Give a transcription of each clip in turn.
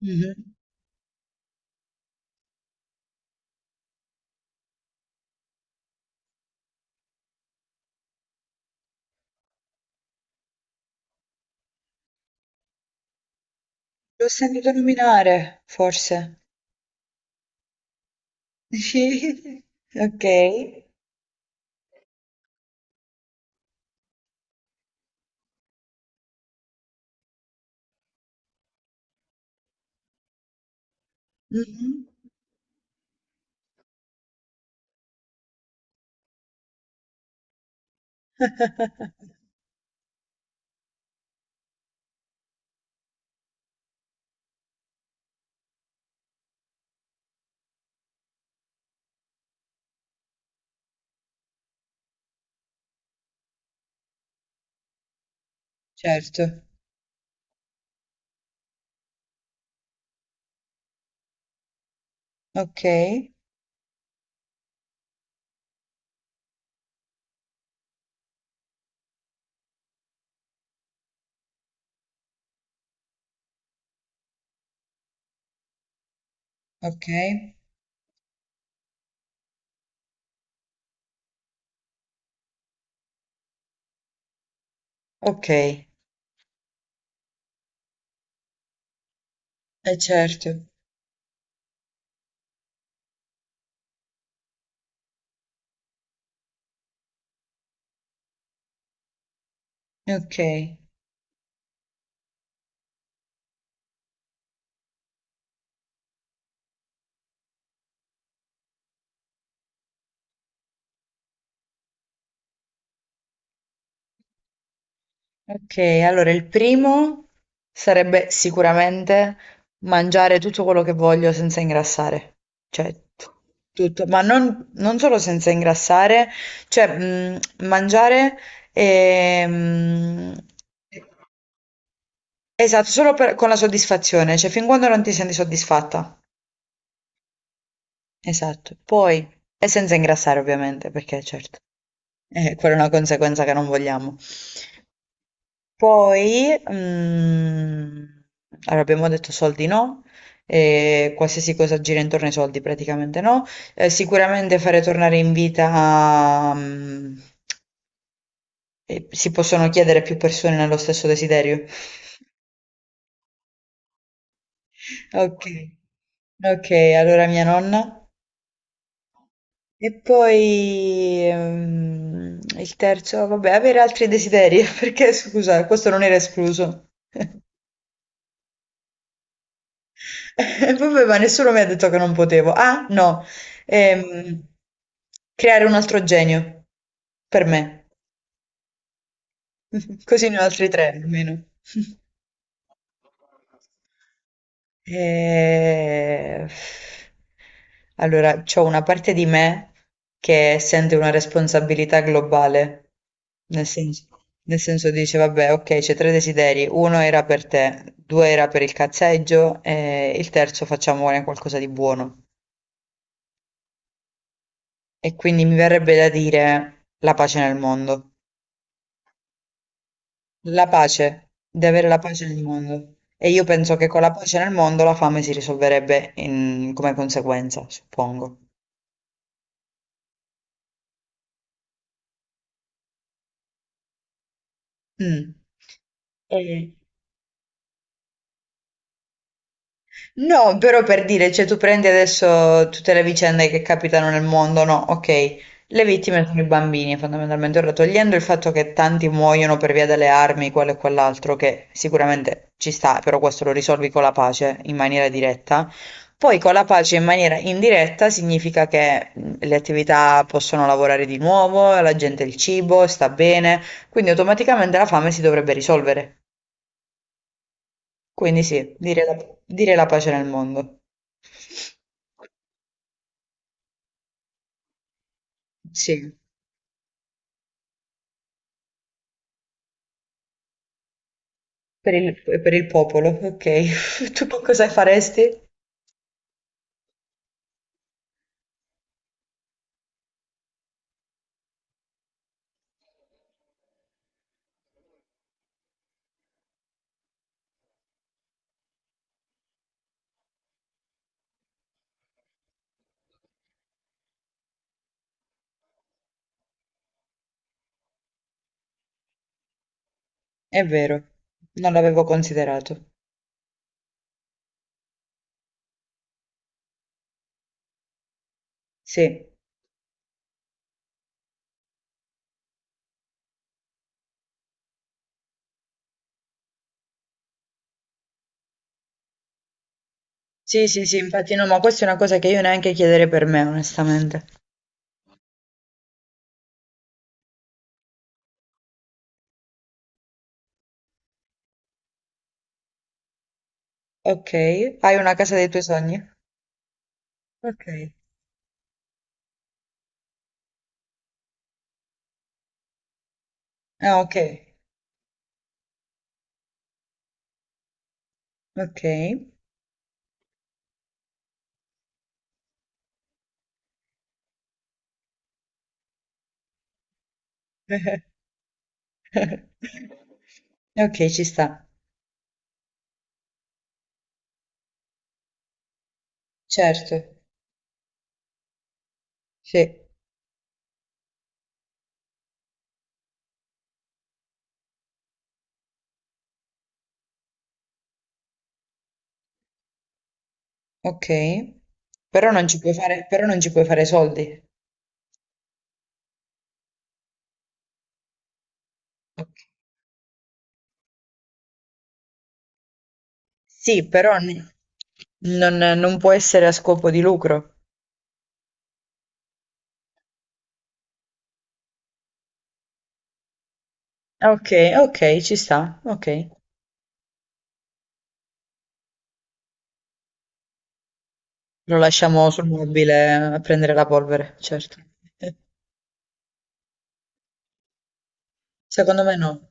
Mhm. L'ho sentito nominare, forse. Sì. Ok. Mhm. Certo. Ok. Ok. Ok. Eh certo. Ok. Ok. Allora il primo sarebbe sicuramente mangiare tutto quello che voglio senza ingrassare. Cioè, tu- tutto. Ma non solo senza ingrassare, cioè, mangiare e, Esatto, solo per- con la soddisfazione, cioè fin quando non ti senti soddisfatta. Esatto. Poi, e senza ingrassare ovviamente, perché certo, quella è una conseguenza che non vogliamo. Poi, allora abbiamo detto soldi no, qualsiasi cosa gira intorno ai soldi praticamente no. Sicuramente fare tornare in vita, si possono chiedere più persone nello stesso desiderio. Ok, ok, allora mia nonna. E poi il terzo, vabbè, avere altri desideri, perché scusa, questo non era escluso. E vabbè, ma nessuno mi ha detto che non potevo. Ah, no, Ehm, creare un altro genio per me, così ne ho altri tre almeno. Eh, allora, c'ho una parte di me che sente una responsabilità globale, nel senso, nel senso dice, vabbè, ok, c'è tre desideri, uno era per te, due era per il cazzeggio e il terzo facciamone qualcosa di buono. E quindi mi verrebbe da dire la pace nel mondo. La pace, di avere la pace nel mondo. E io penso che con la pace nel mondo la fame si risolverebbe in- come conseguenza, suppongo. Mm. E- no, però per dire, cioè tu prendi adesso tutte le vicende che capitano nel mondo, no? Ok, le vittime sono i bambini, fondamentalmente, ora togliendo il fatto che tanti muoiono per via delle armi, quello e quell'altro, che sicuramente ci sta, però questo lo risolvi con la pace in maniera diretta. Poi con la pace in maniera indiretta significa che le attività possono lavorare di nuovo, la gente ha il cibo, sta bene, quindi automaticamente la fame si dovrebbe risolvere. Quindi sì, dire la pace nel mondo. Sì, per il popolo, ok. Tu che cosa faresti? È vero, non l'avevo considerato. Sì, sì, sì, sì, infatti no, ma questa è una cosa che io neanche chiederei per me, onestamente. Ok, hai una casa dei tuoi sogni? Ok. Ah, ok, ok. Ok, ci sta. Certo, sì, ok. Però non ci puoi fare, però non ci puoi fare soldi. Ok. Sì, però n- non può essere a scopo di lucro. Ok, ok, ci sta, ok. Lo lasciamo sul mobile a prendere la polvere, certo. Secondo me no.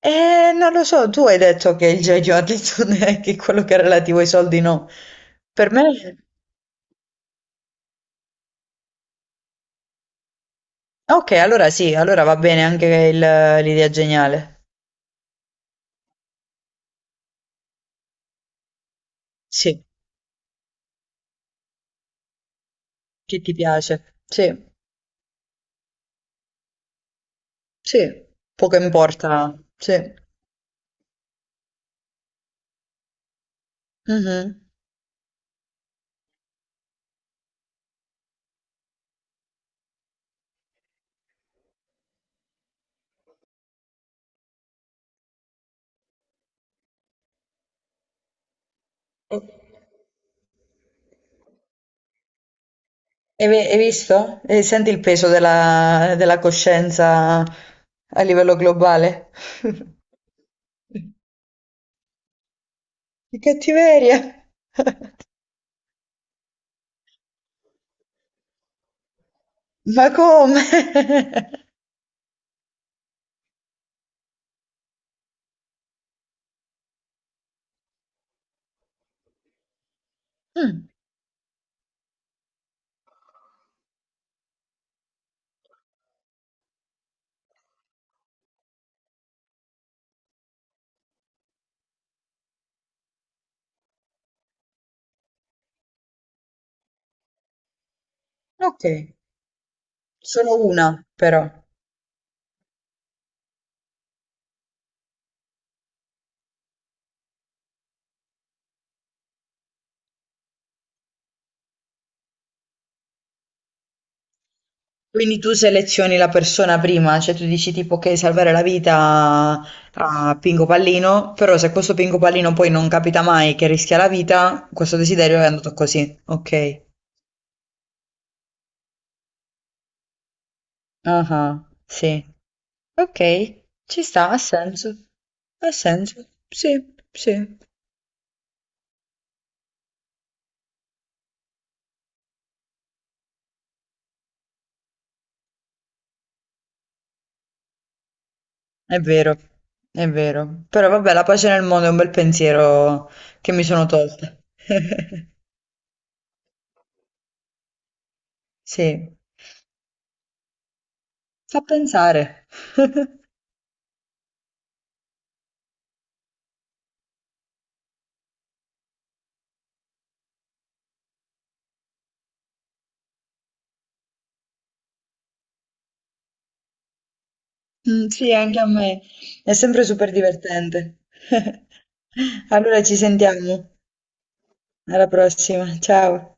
Non lo so, tu hai detto che il genio ha detto che quello che è relativo ai soldi no. Per me... Ok, allora sì, allora va bene anche il- l'idea geniale. Sì, che ti piace. Sì, sì, poco importa. Sì. Mhm. Hai ve- hai visto? E senti il peso della coscienza a livello globale? Che cattiveria! Ma come? Mm, ok, sono una però. Quindi tu selezioni la persona prima, cioè tu dici tipo che salvare la vita a Pinco Pallino, però se questo Pinco Pallino poi non capita mai che rischia la vita, questo desiderio è andato così. Ok. Ah, ah, sì. Okay, ci sta, ha senso. Ha senso. Sì, sì, è vero, è vero. Però vabbè, la pace nel mondo è un bel pensiero che mi sono tolta. Sì, fa pensare. Mm, sì, anche a me. È sempre super divertente. Allora ci sentiamo. Alla prossima. Ciao.